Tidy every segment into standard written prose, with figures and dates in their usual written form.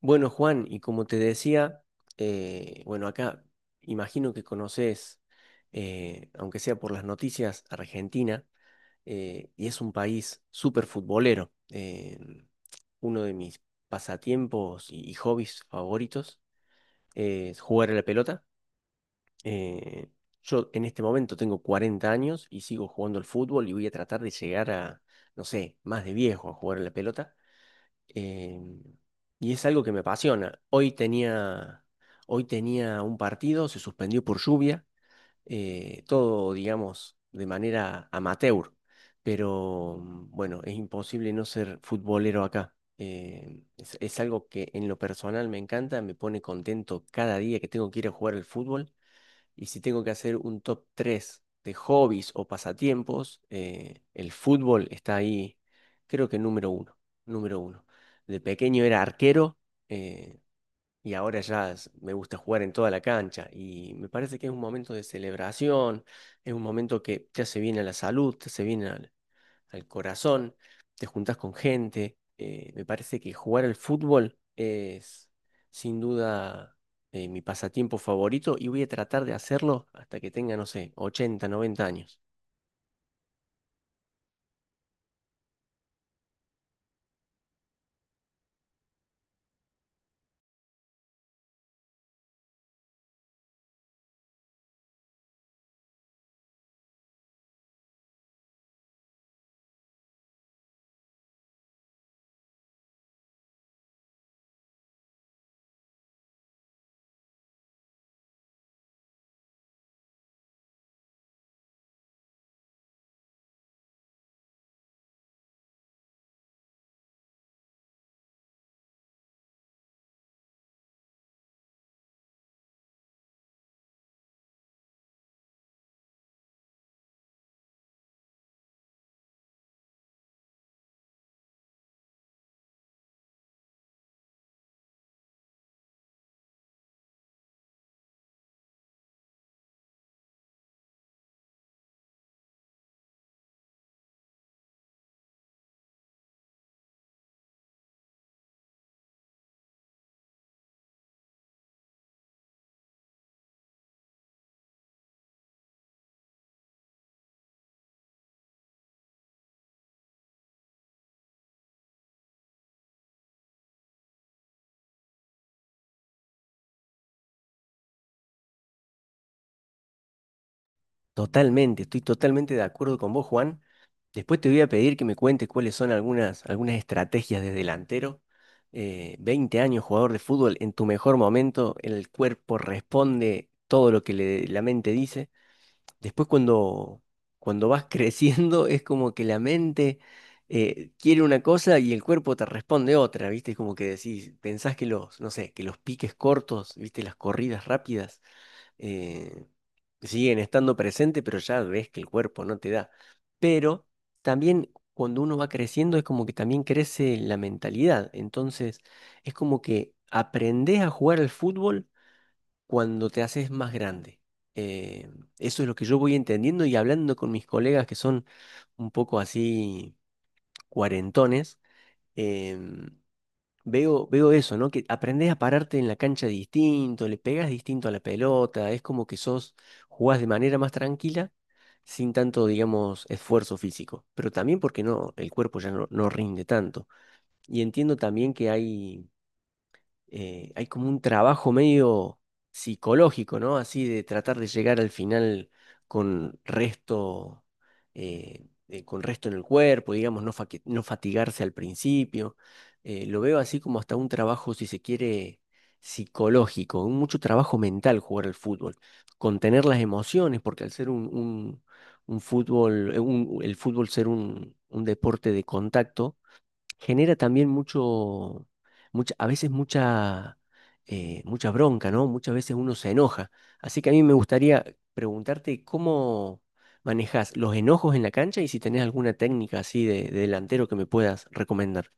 Bueno, Juan, y como te decía, bueno, acá imagino que conoces, aunque sea por las noticias, Argentina. Y es un país súper futbolero. Uno de mis pasatiempos y hobbies favoritos es jugar a la pelota. Eh, yo en este momento tengo 40 años y sigo jugando al fútbol y voy a tratar de llegar a, no sé, más de viejo a jugar a la pelota. Eh, y es algo que me apasiona. Hoy tenía un partido, se suspendió por lluvia, todo, digamos, de manera amateur, pero bueno, es imposible no ser futbolero acá. Es algo que en lo personal me encanta, me pone contento cada día que tengo que ir a jugar al fútbol. Y si tengo que hacer un top 3 de hobbies o pasatiempos, el fútbol está ahí, creo que número uno, número uno. De pequeño era arquero. Eh, y ahora me gusta jugar en toda la cancha y me parece que es un momento de celebración, es un momento que te hace bien a la salud, te hace bien al corazón, te juntas con gente. Me parece que jugar al fútbol es sin duda mi pasatiempo favorito y voy a tratar de hacerlo hasta que tenga, no sé, 80 90 años. Totalmente, estoy totalmente de acuerdo con vos, Juan. Después te voy a pedir que me cuentes cuáles son algunas estrategias de delantero. 20 años jugador de fútbol, en tu mejor momento, el cuerpo responde todo lo que la mente dice. Después cuando vas creciendo es como que la mente quiere una cosa y el cuerpo te responde otra, ¿viste? Es como que decís, pensás que los, no sé, que los piques cortos, ¿viste? Las corridas rápidas eh, siguen estando presentes, pero ya ves que el cuerpo no te da. Pero también cuando uno va creciendo es como que también crece la mentalidad. Entonces es como que aprendés a jugar al fútbol cuando te haces más grande. Eh, eso es lo que yo voy entendiendo y hablando con mis colegas que son un poco así cuarentones, em, veo eso, ¿no? Que aprendés a pararte en la cancha distinto, le pegas distinto a la pelota, es como que sos, jugás de manera más tranquila, sin tanto, digamos, esfuerzo físico, pero también porque no, el cuerpo ya no rinde tanto. Y entiendo también que hay como un trabajo medio psicológico, ¿no? Así de tratar de llegar al final con resto, con resto en el cuerpo, digamos, no fatigarse al principio. Lo veo así como hasta un trabajo, si se quiere, psicológico, un mucho trabajo mental jugar al fútbol, contener las emociones, porque al ser un fútbol, el fútbol ser un deporte de contacto, genera también mucha, a veces mucha bronca, ¿no? Muchas veces uno se enoja. Así que a mí me gustaría preguntarte cómo manejas los enojos en la cancha y si tenés alguna técnica así de, delantero que me puedas recomendar.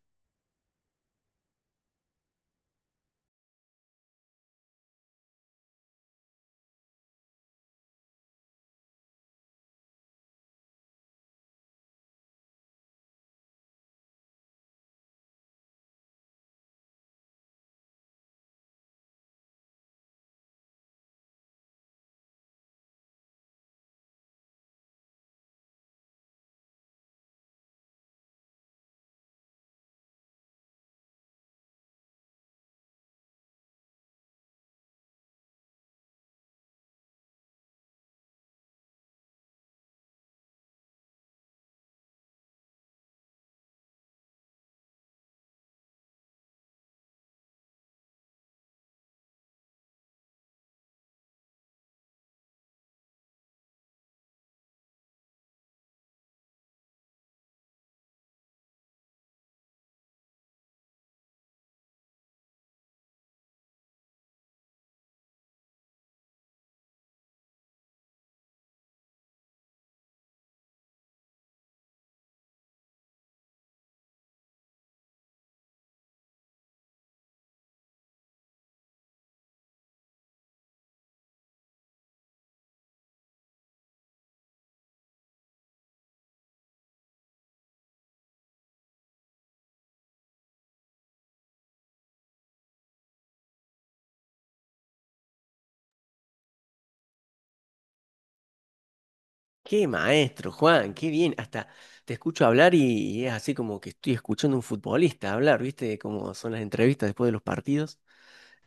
Qué maestro, Juan, qué bien. Hasta te escucho hablar y es así como que estoy escuchando a un futbolista hablar, ¿viste? Como son las entrevistas después de los partidos.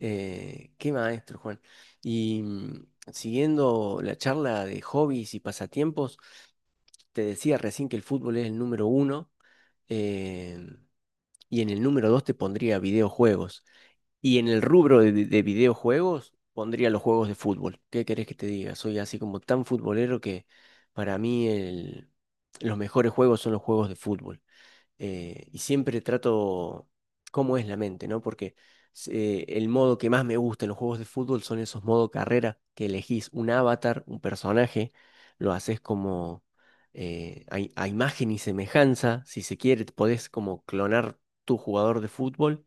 Qué maestro, Juan. Y siguiendo la charla de hobbies y pasatiempos, te decía recién que el fútbol es el número uno, eh, y en el número dos te pondría videojuegos. Y en el rubro de videojuegos pondría los juegos de fútbol. ¿Qué querés que te diga? Soy así como tan futbolero que para mí los mejores juegos son los juegos de fútbol, y siempre trato cómo es la mente, ¿no? Porque el modo que más me gusta en los juegos de fútbol son esos modo carrera, que elegís un avatar, un personaje, lo haces como a imagen y semejanza, si se quiere, podés como clonar tu jugador de fútbol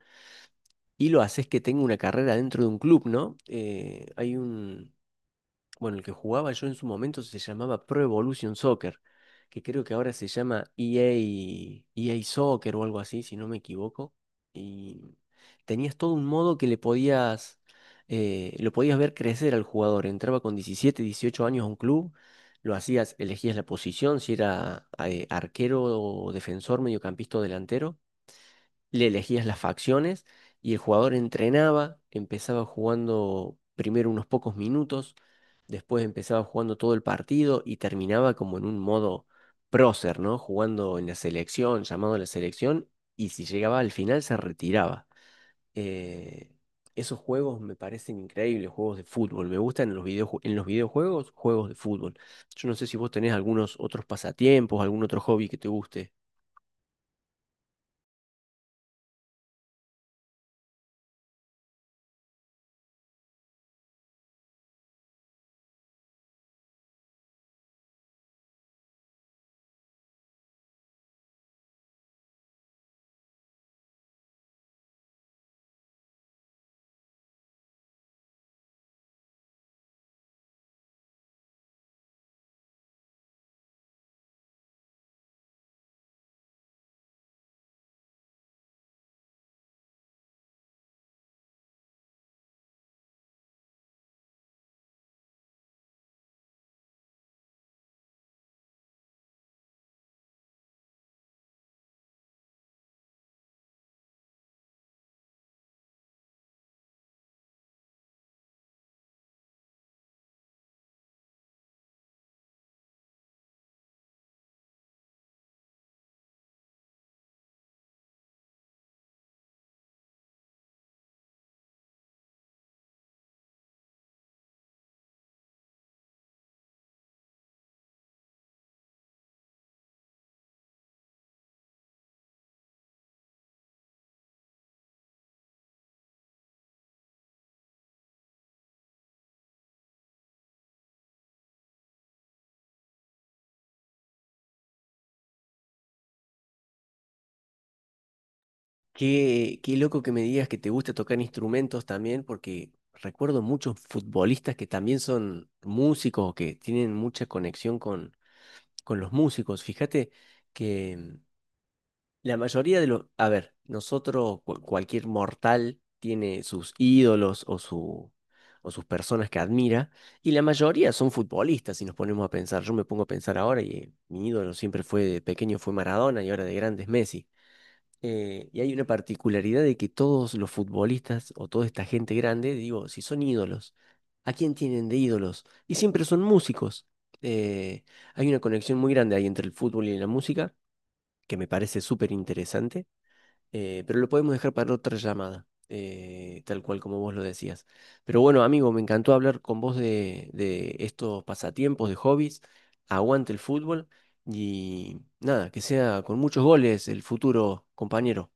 y lo haces que tenga una carrera dentro de un club, ¿no? Bueno, el que jugaba yo en su momento se llamaba Pro Evolution Soccer, que creo que ahora se llama EA, EA Soccer o algo así, si no me equivoco. Y tenías todo un modo que le podías, lo podías ver crecer al jugador. Entraba con 17, 18 años a un club, lo hacías, elegías la posición, si era arquero o defensor, mediocampista o delantero, le elegías las facciones y el jugador entrenaba, empezaba jugando primero unos pocos minutos, después empezaba jugando todo el partido y terminaba como en un modo prócer, ¿no? Jugando en la selección, llamado a la selección, y si llegaba al final se retiraba. Eh, esos juegos me parecen increíbles, juegos de fútbol. Me gustan en los videojuegos, juegos de fútbol. Yo no sé si vos tenés algunos otros pasatiempos, algún otro hobby que te guste. Qué loco que me digas que te gusta tocar instrumentos también, porque recuerdo muchos futbolistas que también son músicos o que tienen mucha conexión con, los músicos. Fíjate que la mayoría de los, a ver, nosotros, cualquier mortal tiene sus ídolos o, su, o sus personas que admira, y la mayoría son futbolistas, si nos ponemos a pensar. Yo me pongo a pensar ahora y mi ídolo siempre fue de pequeño fue Maradona y ahora de grande es Messi. Y hay una particularidad de que todos los futbolistas o toda esta gente grande, digo, si son ídolos, ¿a quién tienen de ídolos? Y siempre son músicos. Eh, hay una conexión muy grande ahí entre el fútbol y la música, que me parece súper interesante, pero lo podemos dejar para otra llamada, tal cual como vos lo decías. Pero bueno, amigo, me encantó hablar con vos de estos pasatiempos, de hobbies. Aguante el fútbol y nada, que sea con muchos goles el futuro, compañero.